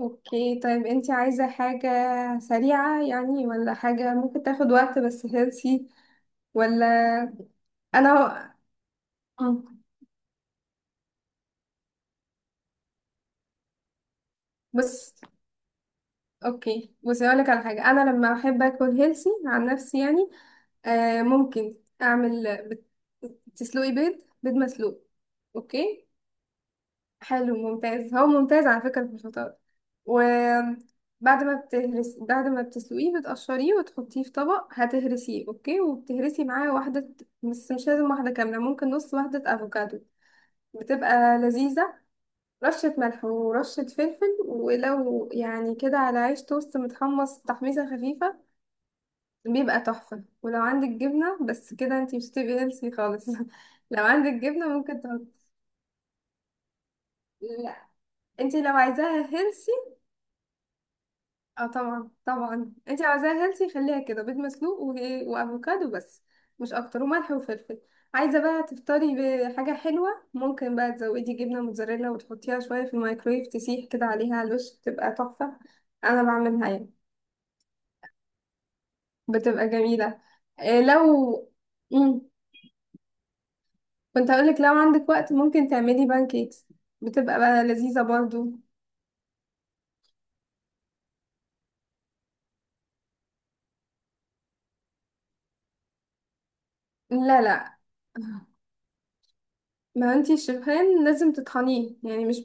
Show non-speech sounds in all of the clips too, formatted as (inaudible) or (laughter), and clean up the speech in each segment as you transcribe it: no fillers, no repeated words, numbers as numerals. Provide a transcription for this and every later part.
اوكي، طيب انتي عايزة حاجة سريعة يعني، ولا حاجة ممكن تاخد وقت بس هيلثي؟ ولا انا مم. بص اوكي، بصي اقولك على حاجة. انا لما احب اكل هيلثي عن نفسي يعني ممكن اعمل بت- تسلقي بيض مسلوق. اوكي، حلو ممتاز، هو ممتاز على فكرة في الفطار. وبعد ما بتهرس بعد ما بتسلقيه بتقشريه وتحطيه في طبق، هتهرسيه اوكي، وبتهرسي معاه واحدة، بس مش لازم واحدة كاملة، ممكن نص واحدة افوكادو. بتبقى لذيذة. رشة ملح ورشة فلفل، ولو يعني كده على عيش توست متحمص تحميصة خفيفة بيبقى تحفة. ولو عندك جبنة بس كده انتي مش هتبقي هيلثي خالص. (laughs) لو عندك جبنة ممكن تحط. لا. انتي لو عايزاها هيلثي، اه طبعا طبعا، انت عايزاها هيلثي خليها كده بيض مسلوق وافوكادو بس، مش اكتر، وملح وفلفل. عايزه بقى تفطري بحاجه حلوه، ممكن بقى تزودي جبنه موتزاريلا وتحطيها شويه في الميكرويف تسيح كده عليها على الوش، بتبقى تحفه. انا بعملها يعني. بتبقى جميله. إيه لو مم. كنت هقولك لو عندك وقت ممكن تعملي بانكيكس، بتبقى بقى لذيذه برضو. لا، لا، ما انتي الشوفان لازم تطحنيه يعني، مش...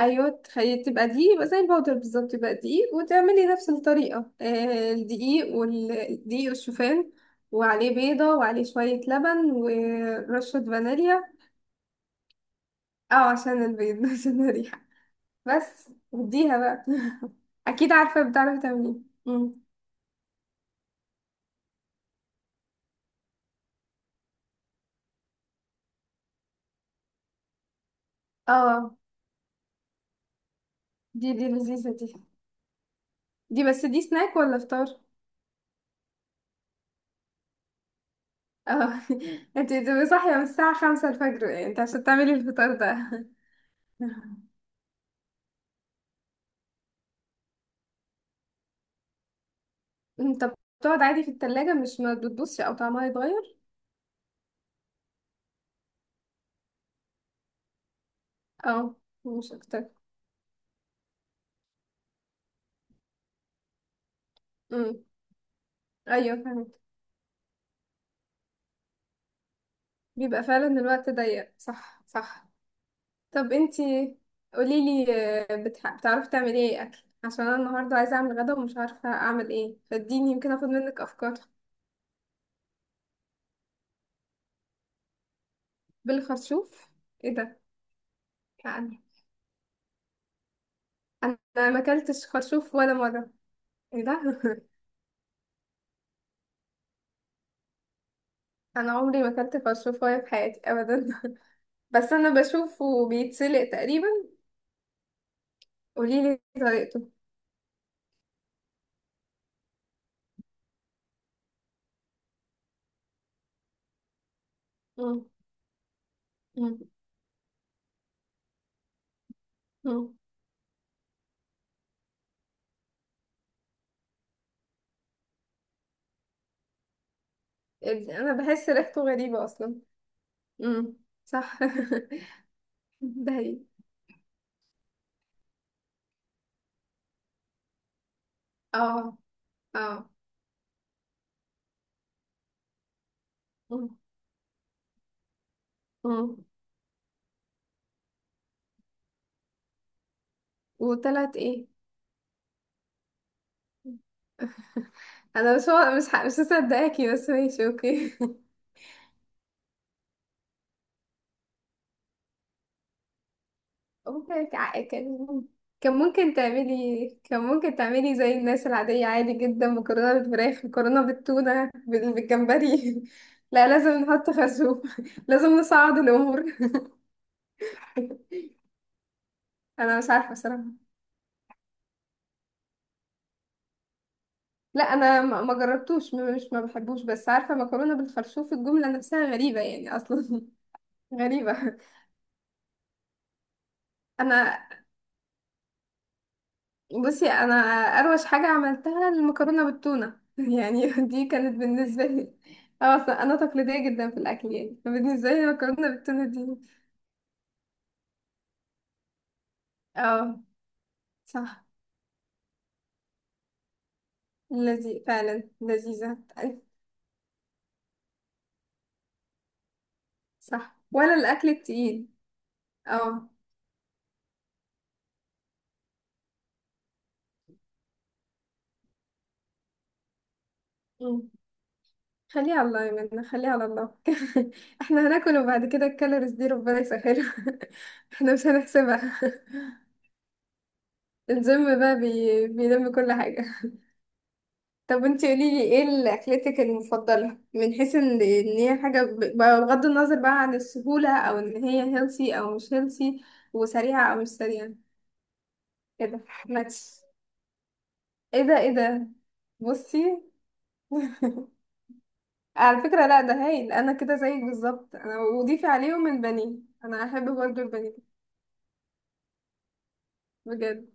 ايوه، تخيل تبقى دقيق، يبقى زي البودر بالظبط، يبقى دقيق وتعملي نفس الطريقه، الدقيق والدقيق والشوفان، وعليه بيضه وعليه شويه لبن ورشه فانيليا. اه عشان البيض، (laughs) عشان الريحه. بس وديها بقى. (laughs) اكيد عارفه بتعرفي تعمليه. مم. اه، دي لذيذه دي. دي بس، دي سناك ولا فطار؟ اه. (laughs) انت بتبقي صاحيه من الساعه 5 الفجر يعني، انت عشان تعملي الفطار ده؟ (laughs) طب، بتقعد عادي في التلاجة، مش ما بتبصي او طعمها يتغير؟ اه، مش اكتر. امم ايوه، فهمت. بيبقى فعلا الوقت ضيق، صح، صح. طب انتي، قوليلي، بتعرفي تعملي ايه اكل؟ عشان انا النهارده عايزه اعمل غدا ومش عارفه اعمل ايه، فاديني يمكن اخد منك افكار. بالخرشوف؟ ايه ده! يعني انا ما اكلتش خرشوف ولا مره. ايه ده! (laughs) انا عمري ما اكلت خرشوف ولا في حياتي ابدا. (laughs) بس انا بشوفه بيتسلق تقريبا. قوليلي طريقته. مم. مم. مم. إيه، انا بحس ريحته غريبه اصلا. امم. صح. (laughs) ده هي. اه. اه. مم. مم. وطلعت ايه؟ (laughs) انا مش... مش مصدقاكي، بس ماشي اوكي. (laughs) ممكن تع- كان كان ممكن تعملي، زي الناس العادية، عادي جدا، مكرونة بالفراخ، مكرونة بالتونة، بالجمبري. (laughs) لا لازم نحط خازوق، (laughs) لازم نصعد الأمور. (laughs) أنا مش عارفة بصراحة. لا، انا ما جربتوش، مش ما بحبوش، بس عارفه مكرونه بالخرشوف الجمله نفسها غريبه يعني اصلا. (laughs) غريبه. انا بصي انا اروش حاجه عملتها المكرونه بالتونه، (laughs) يعني دي كانت بالنسبه لي. اه اصلا انا تقليديه جدا في الاكل يعني، فبالنسبه لي المكرونه بالتونه دي... اه. صح. لذيذ فعلا، لذيذه. صح، ولا الاكل التقيل. اه. خليها على الله يا منى، خليها على الله. (laughs) احنا هناكل وبعد كده الكالوريز دي ربنا يسهلها. (laughs) احنا مش هنحسبها. (laughs) الجيم بقى بيلم كل حاجة. طب انتي قوليلي، ايه اكلتك المفضلة، من حيث ان هي حاجة، بغض النظر بقى عن السهولة، او ان هي هيلثي او مش هيلثي، وسريعة او مش سريعة؟ ايه ده! ماتش! ايه ده، ايه ده! بصي. (laughs) على فكرة، لا، ده هايل. انا كده زيك بالظبط، انا وضيفي عليهم البانيه. انا احب برضو البانيه، بجد.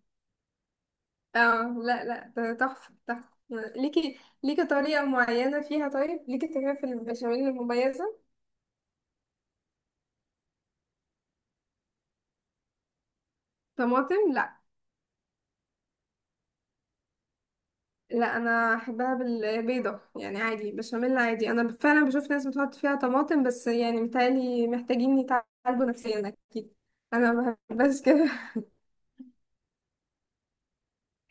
اه، لا، لا، ده تحفة، تحفة. ليكي طريقة معينة فيها؟ طيب ليكي طريقة في البشاميل المميزة؟ طماطم، لا. لا، انا احبها بالبيضة يعني، عادي بشاميل عادي. انا فعلا بشوف ناس بتحط فيها طماطم، بس يعني متهيألي محتاجين يتعالجوا نفسيا اكيد. انا ما بحبهاش كده. (laughs)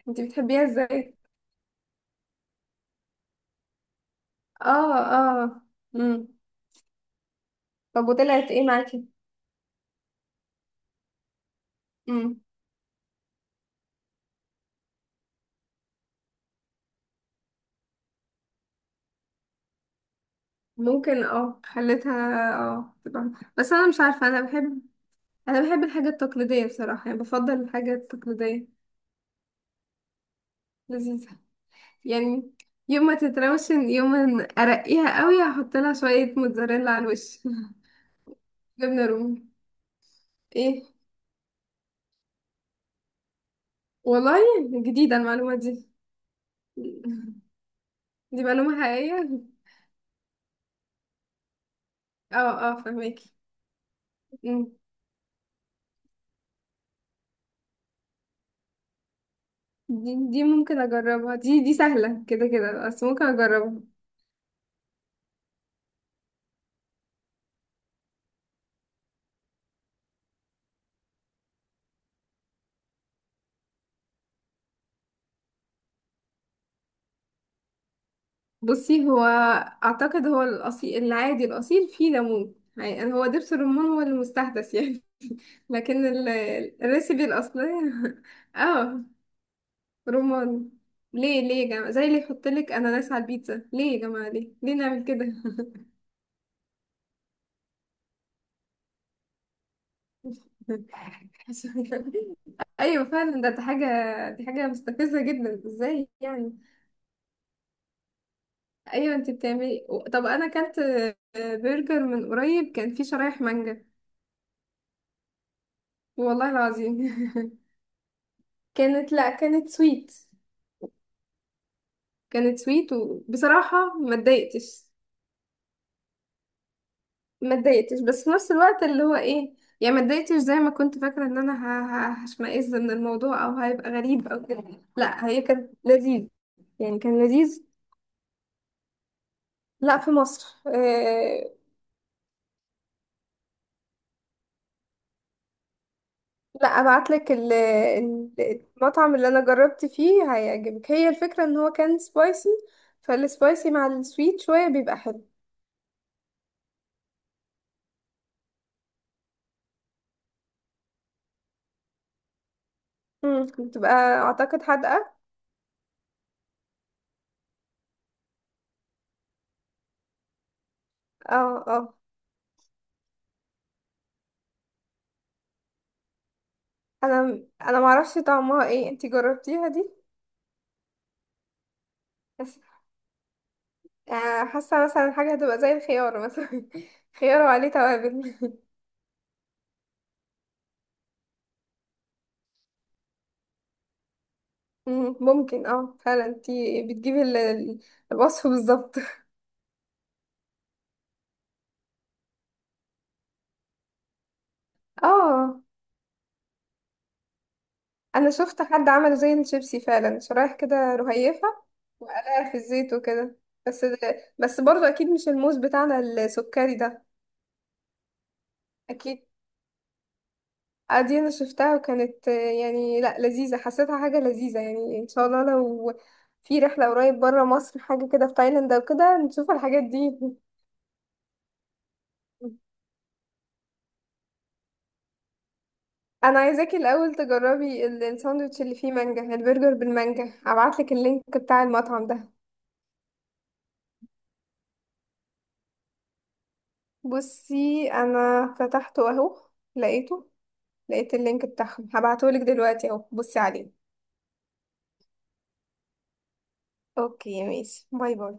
انتي بتحبيها ازاي؟ اه، اه. امم طب وطلعت ايه معاكي؟ امم ممكن، خليتها، اه تبقى. بس انا مش عارفة. انا بحب الحاجه التقليديه بصراحه، يعني بفضل الحاجه التقليديه. لذيذه. يعني يوم ما تتروشن، يوم ما ارقيها قوي، هحط لها شويه موتزاريلا على الوش. (laughs) جبنه رومي! ايه! والله! جديده المعلومه دي. (laughs) دي معلومه حقيقيه. اه، اه، فهماكي. مم. دي ممكن اجربها، دي سهله كده كده بس، ممكن اجربها. بصي هو، اعتقد هو الاصيل العادي، الاصيل فيه ليمون يعني، هو دبس الرمان هو المستحدث يعني. لكن الريسيبي الأصلية. (laughs) اه، رمان. ليه ليه يا جماعة؟ زي اللي يحط لك أناناس على البيتزا. ليه يا جماعة؟ ليه ليه نعمل كده؟ (laughs) ايوه فعلا. دي حاجه مستفزه جدا، ازاي يعني. ايوه، انت بتعملي طب انا اكلت برجر من قريب كان فيه شرايح مانجا. والله العظيم. (laughs) لا، كانت سويت. كانت سويت وبصراحه ما اتضايقتش. ما اتضايقتش بس في نفس الوقت اللي هو ايه، يعني ما اتضايقتش زي ما كنت فاكره ان انا هشمئز من الموضوع او هيبقى غريب او كده. لا، هي كانت لذيذ، يعني كان لذيذ. لا، في مصر، آه. لا، ابعت لك المطعم اللي انا جربت فيه هيعجبك. هي الفكره ان هو كان سبايسي، فالسبايسي مع السويت شويه بيبقى حلو. بتبقى، اعتقد حادقه. اه، اه. انا معرفش طعمها ايه، انتي جربتيها دي؟ حاسة مثلا حاجة هتبقى زي الخيار مثلا، (laughs) خيار وعليه توابل. (laughs) ممكن، فعلا انتي بتجيبي الوصف بالظبط. (laughs) اه، انا شفت حد عمل زي الشيبسي فعلا، شرايح كده رهيفة، وقلاها في الزيت وكده. بس ده، بس برضه اكيد مش الموز بتاعنا السكري ده. اكيد. دي انا شفتها، وكانت يعني لا لذيذة، حسيتها حاجة لذيذة يعني. ان شاء الله لو في رحلة قريب برا مصر حاجة كده في تايلاند او كده نشوف الحاجات دي. (laughs) انا عايزاكي الاول تجربي الساندوتش اللي فيه مانجا، البرجر بالمانجا. هبعتلك اللينك بتاع المطعم ده. بصي انا فتحته اهو، لقيته. لقيت اللينك بتاعهم، هبعتهولك دلوقتي اهو، بصي عليه. اوكي ماشي، باي باي.